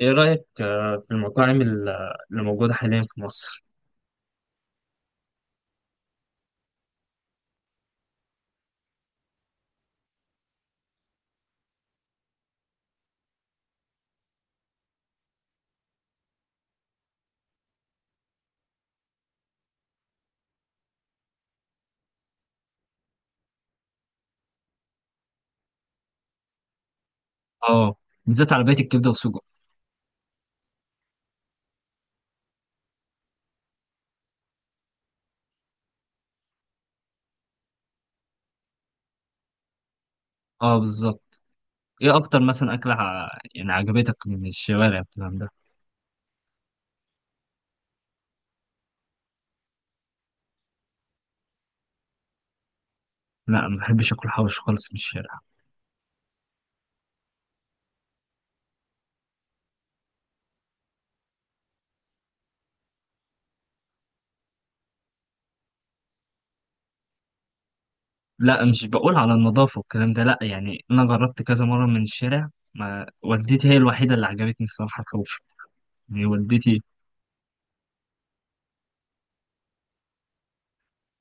ايه رأيك في المطاعم اللي موجودة حاليا في مصر؟ اه، بالذات عربية الكبدة والسجق. اه بالظبط. ايه اكتر مثلا اكلة يعني عجبتك من الشوارع والكلام ده؟ لا، ما بحبش اكل حوش خالص من الشارع. لا، مش بقول على النظافة والكلام ده، لا، يعني انا جربت كذا مرة من الشارع، ما والدتي هي الوحيدة اللي عجبتني الصراحة الحوش، يعني والدتي،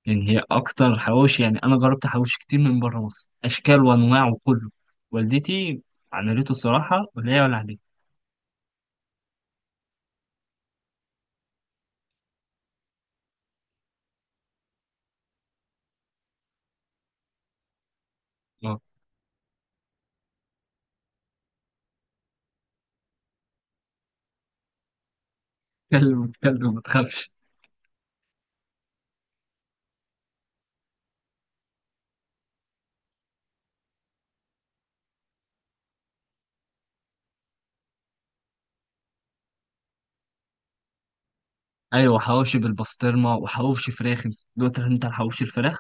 يعني هي اكتر حوش. يعني انا جربت حوش كتير من بره مصر اشكال وانواع وكله، والدتي عملته الصراحة، ولا هي ولا عليه. اه. كلب كلب، ما تخافش. ايوه حواوشي بالبسطرمه وحواوشي فراخ. دوت انت الحواوشي الفراخ.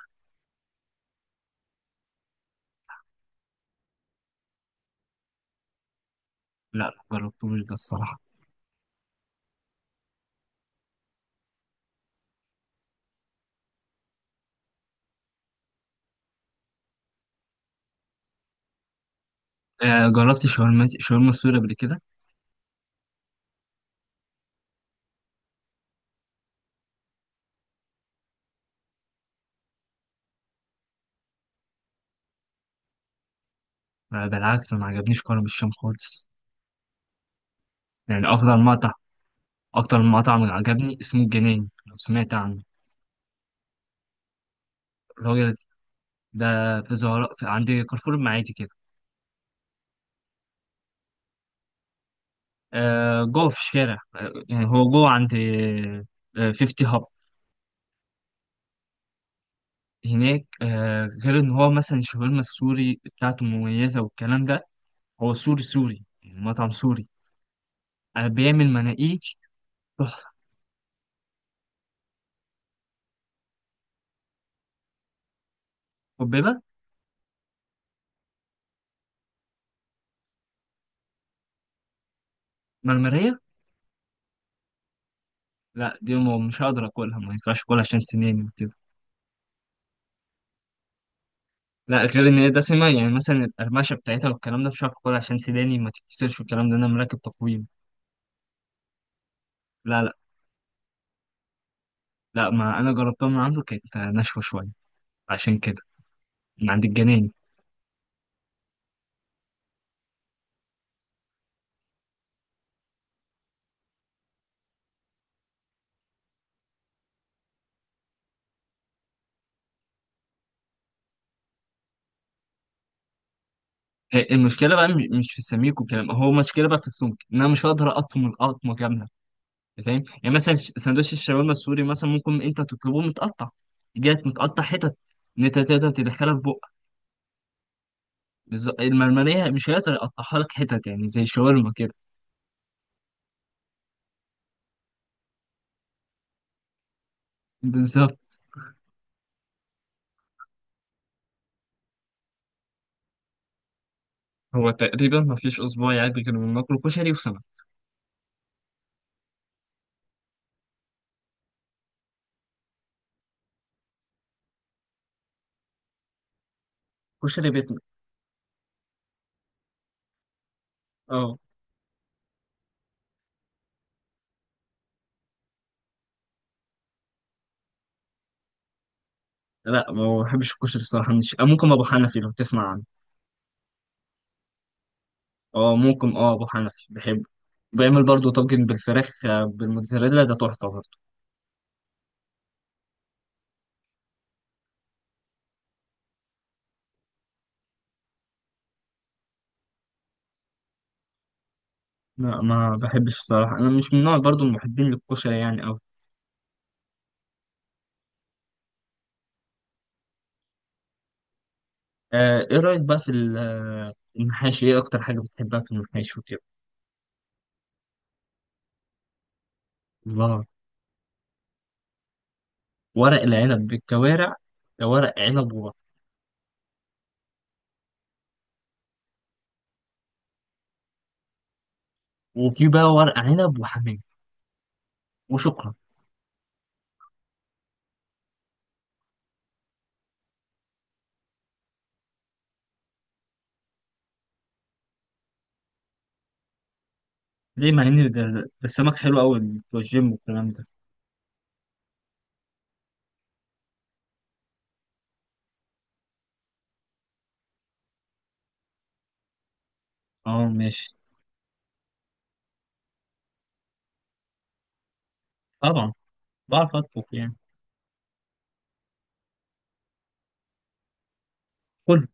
لا لا، جربتوش ده الصراحه. آه جربت شاورما شاورما سوري قبل كده. آه بالعكس، ما عجبنيش كرم الشام خالص. يعني افضل مقطع، اكتر مقطع من عجبني اسمه الجنين، لو سمعت عنه. الراجل ده في زهراء، في عند كارفور المعادي كده. آه جوه في الشارع، آه يعني هو جوه عند، آه 50 هاب هناك. آه غير ان هو مثلا الشاورما السوري بتاعته مميزه والكلام ده. هو سوري سوري، يعني مطعم سوري. أنا بيعمل مناقيش تحفة. حبيبة. مرمرية. لا دي مش هقدر أكلها، ما ينفعش أكلها عشان سناني وكده. لا، غير إن هي دسمة، يعني مثلا القرمشة بتاعتها والكلام ده مش هعرف أكلها عشان سناني ما تتكسرش والكلام ده، أنا مراكب تقويم. لا لا، ما أنا جربتها من عنده، كانت ناشفة شوية عشان كده. من عند الجناني. هي المشكلة بقى مش في السميك والكلام، هو المشكلة بقى في السمك، إن أنا مش هقدر أقطم القطمة كاملة. فاهم يعني؟ مثلا سندوتش الشاورما السوري مثلا ممكن انت تطلبه متقطع، جات متقطع حتت، ان انت تقدر تدخلها في بقك. بالظبط، المرمريه مش هيقدر يقطعها لك حتت يعني زي الشاورما كده. بالظبط. هو تقريبا ما فيش اسبوع يعدي غير من ناكله كشري وسمك. كشري بيتنا. اه. لا ما بحبش الكشري الصراحه، مش ممكن ابو حنفي لو تسمع عنه. اه ممكن، اه ابو حنفي بحبه. بيعمل برضه طاجن بالفراخ بالموتزاريلا، ده تحفه برضه. لا ما بحبش الصراحه، انا مش من نوع برضه المحبين للكشري يعني. ايه رأيك بقى في المحاشي؟ ايه اكتر حاجة بتحبها في المحاشي وكده؟ الله. ورق العنب بالكوارع، ده ورق عنب وبط. وفي بقى ورق عنب وحمام، وشكرا. ليه؟ مع ان ده ده السمك حلو قوي بتوع الجيم والكلام ده. اه ماشي. طبعا بعرف اطبخ يعني. كله.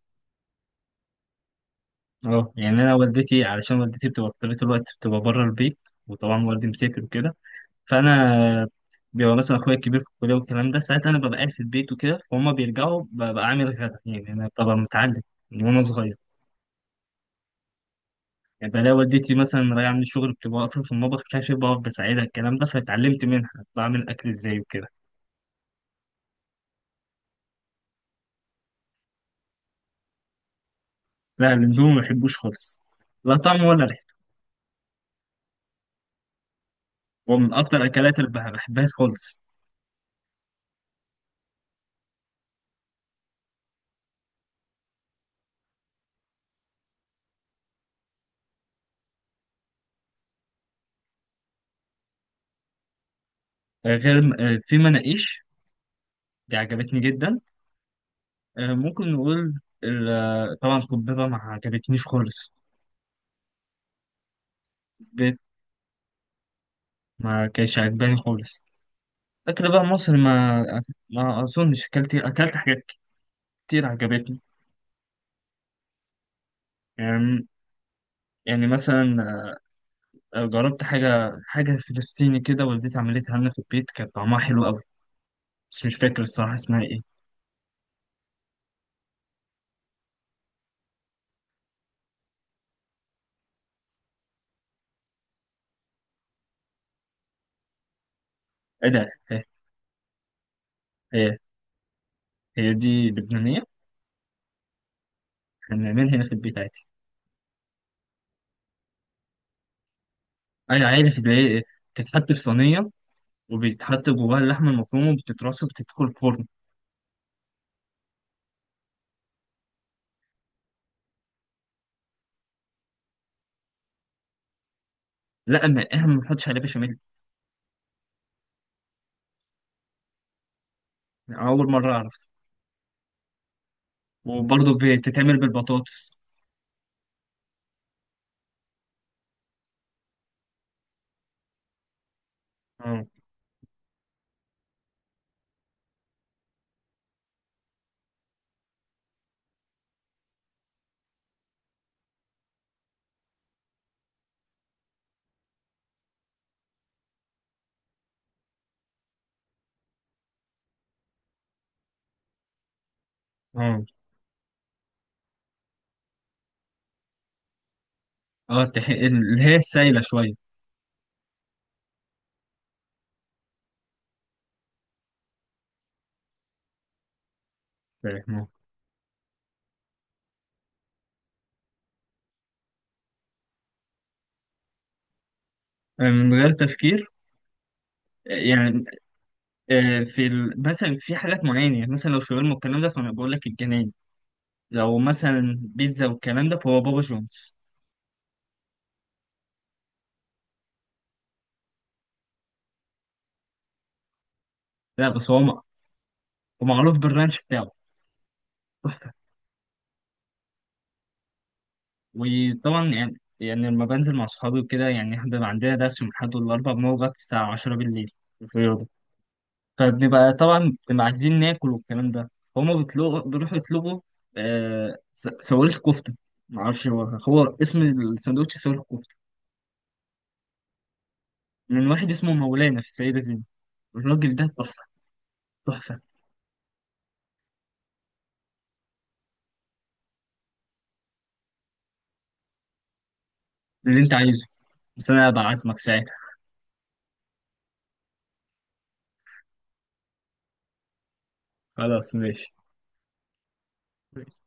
اه يعني انا والدتي، علشان والدتي بتبقى في طول الوقت بتبقى بره البيت، وطبعا والدي مسافر وكده، فانا بيبقى مثلا اخويا الكبير في الكليه والكلام ده، ساعتها انا ببقى قاعد في البيت وكده، فهم بيرجعوا ببقى عامل غدا. يعني انا ببقى متعلم من وانا صغير، يعني بلاقي والدتي مثلا راجعه من الشغل بتبقى واقفه في المطبخ كاشف بقف بساعدها الكلام ده، فاتعلمت منها بعمل اكل ازاي وكده. لا الاندومي ما بحبوش خالص، لا طعم ولا ريحته. هو من اكتر الاكلات اللي بحبها خالص. آه، غير آه، في مناقيش، دي عجبتني جدا. ممكن نقول طبعا قبيبه ما عجبتنيش خالص. بيت. ما كانش عجباني خالص. اكل بقى مصر، ما ما اظنش اكلت، حاجات كتير عجبتني يعني. يعني مثلا جربت حاجه فلسطيني كده، والدتي عملتها لنا في البيت، كانت طعمها حلو قوي، بس مش فاكر الصراحه اسمها ايه. ايه ده؟ هي, هي دي لبنانيه. احنا بنعملها هنا في البيت عادي. انا عارف اللي هي إيه، بتتحط في صينيه وبيتحط جواها اللحمه المفرومه وبتترص وبتدخل الفرن. لا، ما احنا ما بنحطش عليها بشاميل. اول مره اعرف. وبرضه بتتعمل بالبطاطس. اه. اه. اللي هي السايله شويه. فاهم؟ من غير تفكير. آه، يعني في مثلا في حاجات معينه، يعني مثلا لو شاورما والكلام ده فانا بقول لك الجنان. لو مثلا بيتزا والكلام ده فهو بابا جونز. لا بس هو هو معروف بالرانش بتاعه، تحفه. وطبعا يعني، يعني لما بنزل مع صحابي وكده، يعني احنا بيبقى عندنا درس من الأحد والأربع بنقعد لغاية الساعة 10 بالليل في الرياضة. فبنبقى طبعا بنبقى عايزين ناكل والكلام ده، فهم بيطلبوا بيروحوا يطلبوا صواريخ كفته. معرفش، هو هو اسم الساندوتش صواريخ كفته، من واحد اسمه مولانا في السيدة زينب. الراجل ده تحفة، تحفة. اللي انت عايزه، بس انا بعزمك ساعتها. خلاص ماشي.